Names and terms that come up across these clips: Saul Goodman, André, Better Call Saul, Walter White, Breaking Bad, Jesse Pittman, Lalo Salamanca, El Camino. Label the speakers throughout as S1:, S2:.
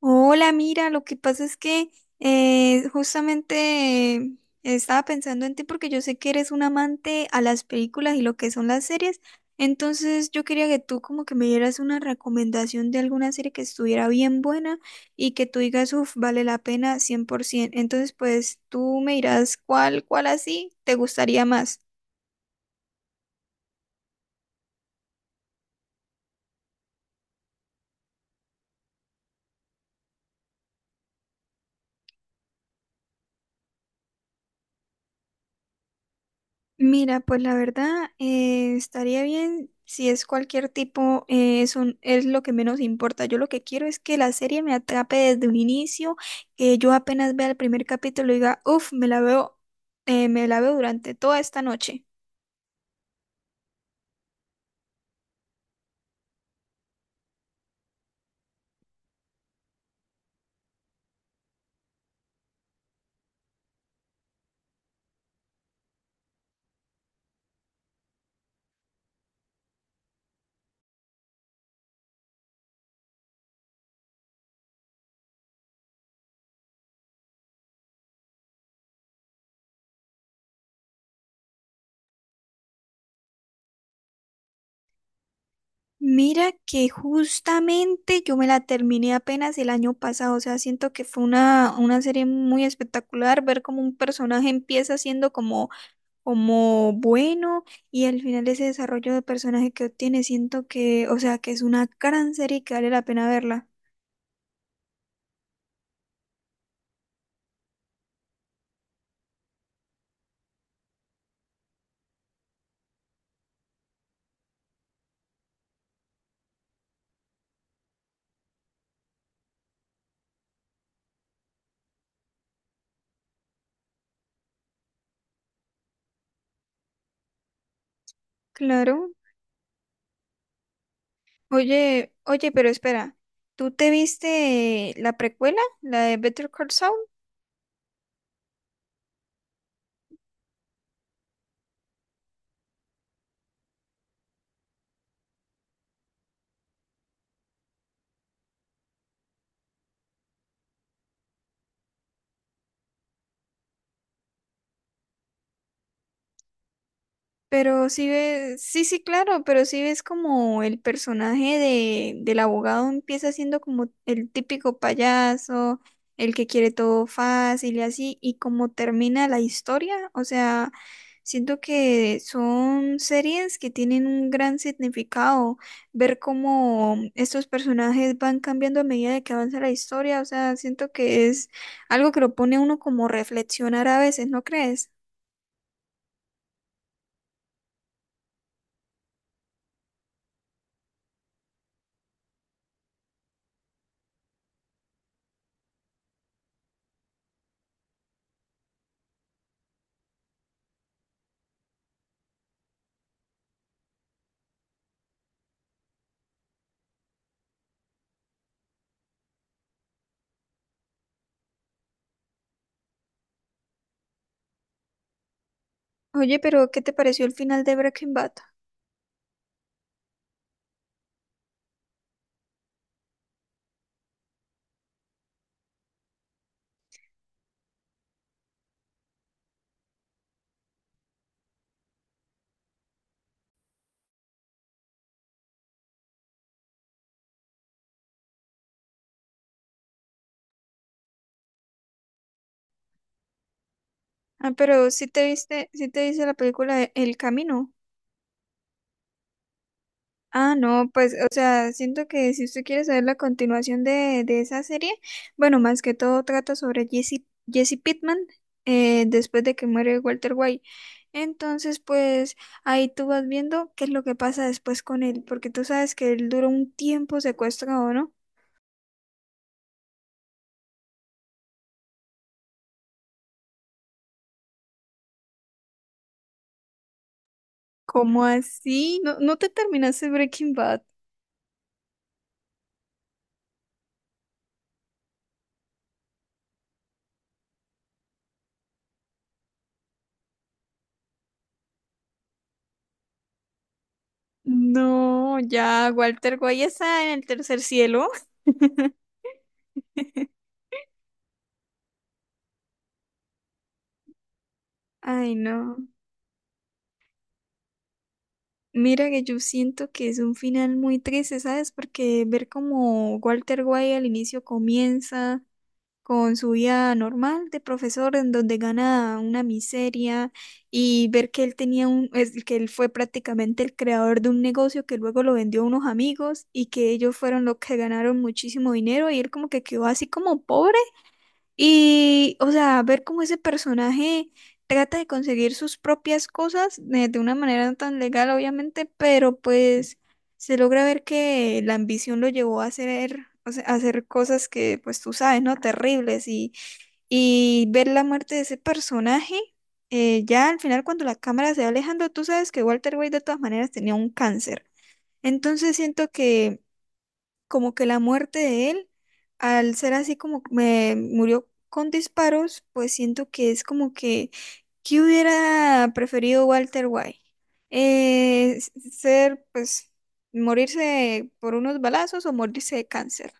S1: Hola, mira, lo que pasa es que justamente eh, estaba pensando en ti porque yo sé que eres un amante a las películas y lo que son las series, entonces yo quería que tú como que me dieras una recomendación de alguna serie que estuviera bien buena y que tú digas, uff, vale la pena 100%. Entonces, pues tú me dirás cuál así te gustaría más. Mira, pues la verdad estaría bien si es cualquier tipo, es lo que menos importa. Yo lo que quiero es que la serie me atrape desde un inicio, que yo apenas vea el primer capítulo y diga, uff, me la veo durante toda esta noche. Mira que justamente yo me la terminé apenas el año pasado, o sea, siento que fue una serie muy espectacular ver cómo un personaje empieza siendo como bueno y al final ese desarrollo de personaje que obtiene, siento que, o sea, que es una gran serie y que vale la pena verla. Claro. Oye, pero espera, ¿tú te viste la precuela, la de Better Call Saul? Pero sí ves, sí, sí, claro, pero sí ves como el personaje del abogado empieza siendo como el típico payaso, el que quiere todo fácil y así, y como termina la historia, o sea, siento que son series que tienen un gran significado, ver cómo estos personajes van cambiando a medida de que avanza la historia, o sea, siento que es algo que lo pone a uno como reflexionar a veces, ¿no crees? Oye, pero ¿qué te pareció el final de Breaking Bad? Ah, pero si te viste, si te viste la película de El Camino. Ah, no, pues, o sea, siento que si usted quiere saber la continuación de esa serie, bueno, más que todo trata sobre Jesse, Jesse Pittman después de que muere Walter White. Entonces, pues, ahí tú vas viendo qué es lo que pasa después con él, porque tú sabes que él duró un tiempo secuestrado, ¿no? ¿Cómo así? ¿No, no te terminaste Breaking Bad? No. Ya, Walter White está en el tercer cielo. Ay, no. Mira que yo siento que es un final muy triste, ¿sabes? Porque ver como Walter White al inicio comienza con su vida normal de profesor en donde gana una miseria y ver que él tenía un, que él fue prácticamente el creador de un negocio que luego lo vendió a unos amigos y que ellos fueron los que ganaron muchísimo dinero y él como que quedó así como pobre. Y, o sea, ver cómo ese personaje trata de conseguir sus propias cosas de una manera no tan legal, obviamente, pero pues se logra ver que la ambición lo llevó a hacer, o sea, a hacer cosas que, pues tú sabes, ¿no? Terribles. Y ver la muerte de ese personaje, ya al final cuando la cámara se va alejando, tú sabes que Walter White de todas maneras tenía un cáncer. Entonces siento que como que la muerte de él, al ser así como me murió con disparos, pues siento que es como que, ¿qué hubiera preferido Walter White? Ser, pues, morirse por unos balazos o morirse de cáncer.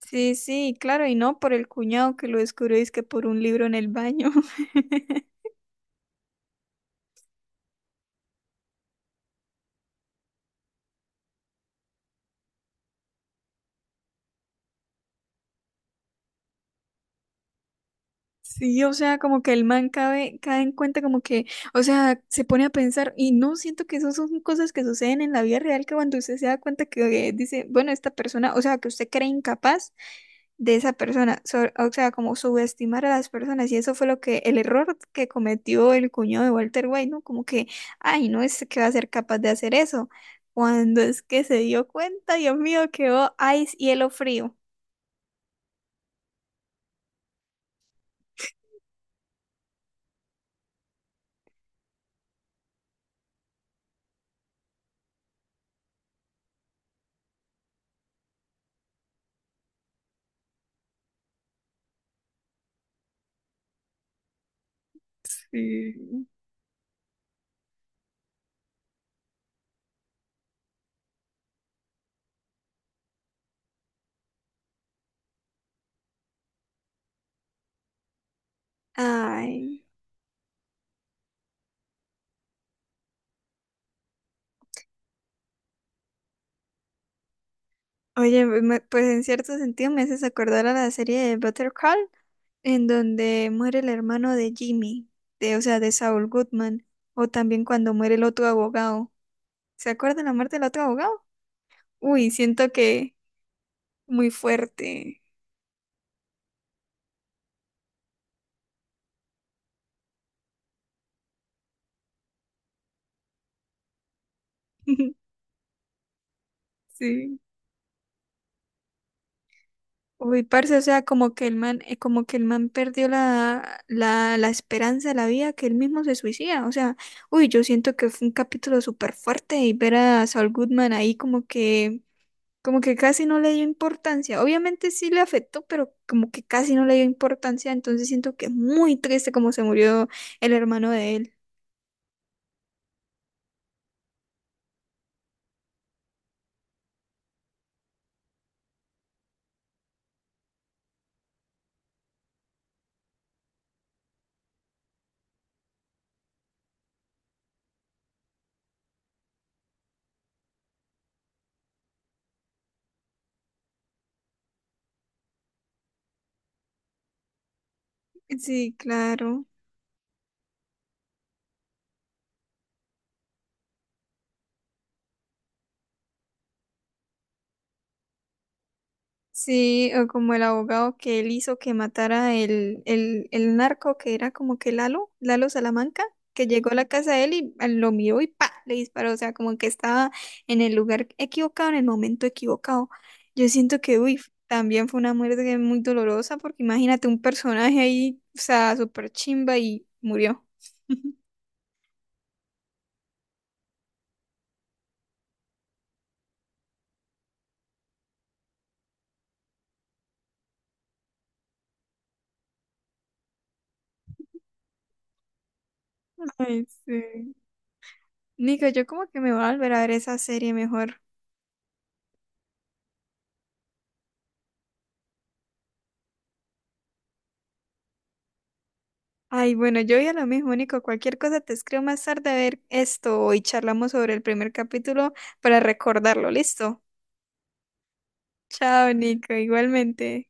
S1: Sí, sí, claro, y no por el cuñado que lo descubrió, es que por un libro en el baño. Sí, o sea, como que el man cae en cuenta, como que, o sea, se pone a pensar, y no siento que eso son cosas que suceden en la vida real, que cuando usted se da cuenta que dice, bueno, esta persona, o sea, que usted cree incapaz de esa persona, o sea, como subestimar a las personas, y eso fue lo que, el error que cometió el cuñado de Walter White, ¿no? Como que, ay, no es que va a ser capaz de hacer eso. Cuando es que se dio cuenta, Dios mío, quedó ice hielo frío. Sí. Ay. Oye, pues en cierto sentido me haces acordar a la serie de Better Call, en donde muere el hermano de Jimmy, de, o sea, de Saul Goodman, o también cuando muere el otro abogado. ¿Se acuerdan la muerte del otro abogado? Uy, siento que muy fuerte. Sí. Uy, parce, o sea, como que el man, como que el man perdió la esperanza de la vida, que él mismo se suicida. O sea, uy, yo siento que fue un capítulo súper fuerte y ver a Saul Goodman ahí como que como que casi no le dio importancia. Obviamente sí le afectó, pero como que casi no le dio importancia. Entonces siento que es muy triste como se murió el hermano de él. Sí, claro. Sí, o como el abogado que él hizo que matara el narco que era como que Lalo, Lalo Salamanca, que llegó a la casa de él y ah, lo miró y ¡pa! Le disparó, o sea, como que estaba en el lugar equivocado, en el momento equivocado. Yo siento que, uy, también fue una muerte muy dolorosa porque imagínate un personaje ahí, o sea, súper chimba y murió. Ay, sí. Nico, yo como que me voy a volver a ver esa serie mejor. Ay, bueno, yo ya lo mismo, Nico. Cualquier cosa te escribo más tarde a ver esto y charlamos sobre el primer capítulo para recordarlo. ¿Listo? Chao, Nico, igualmente.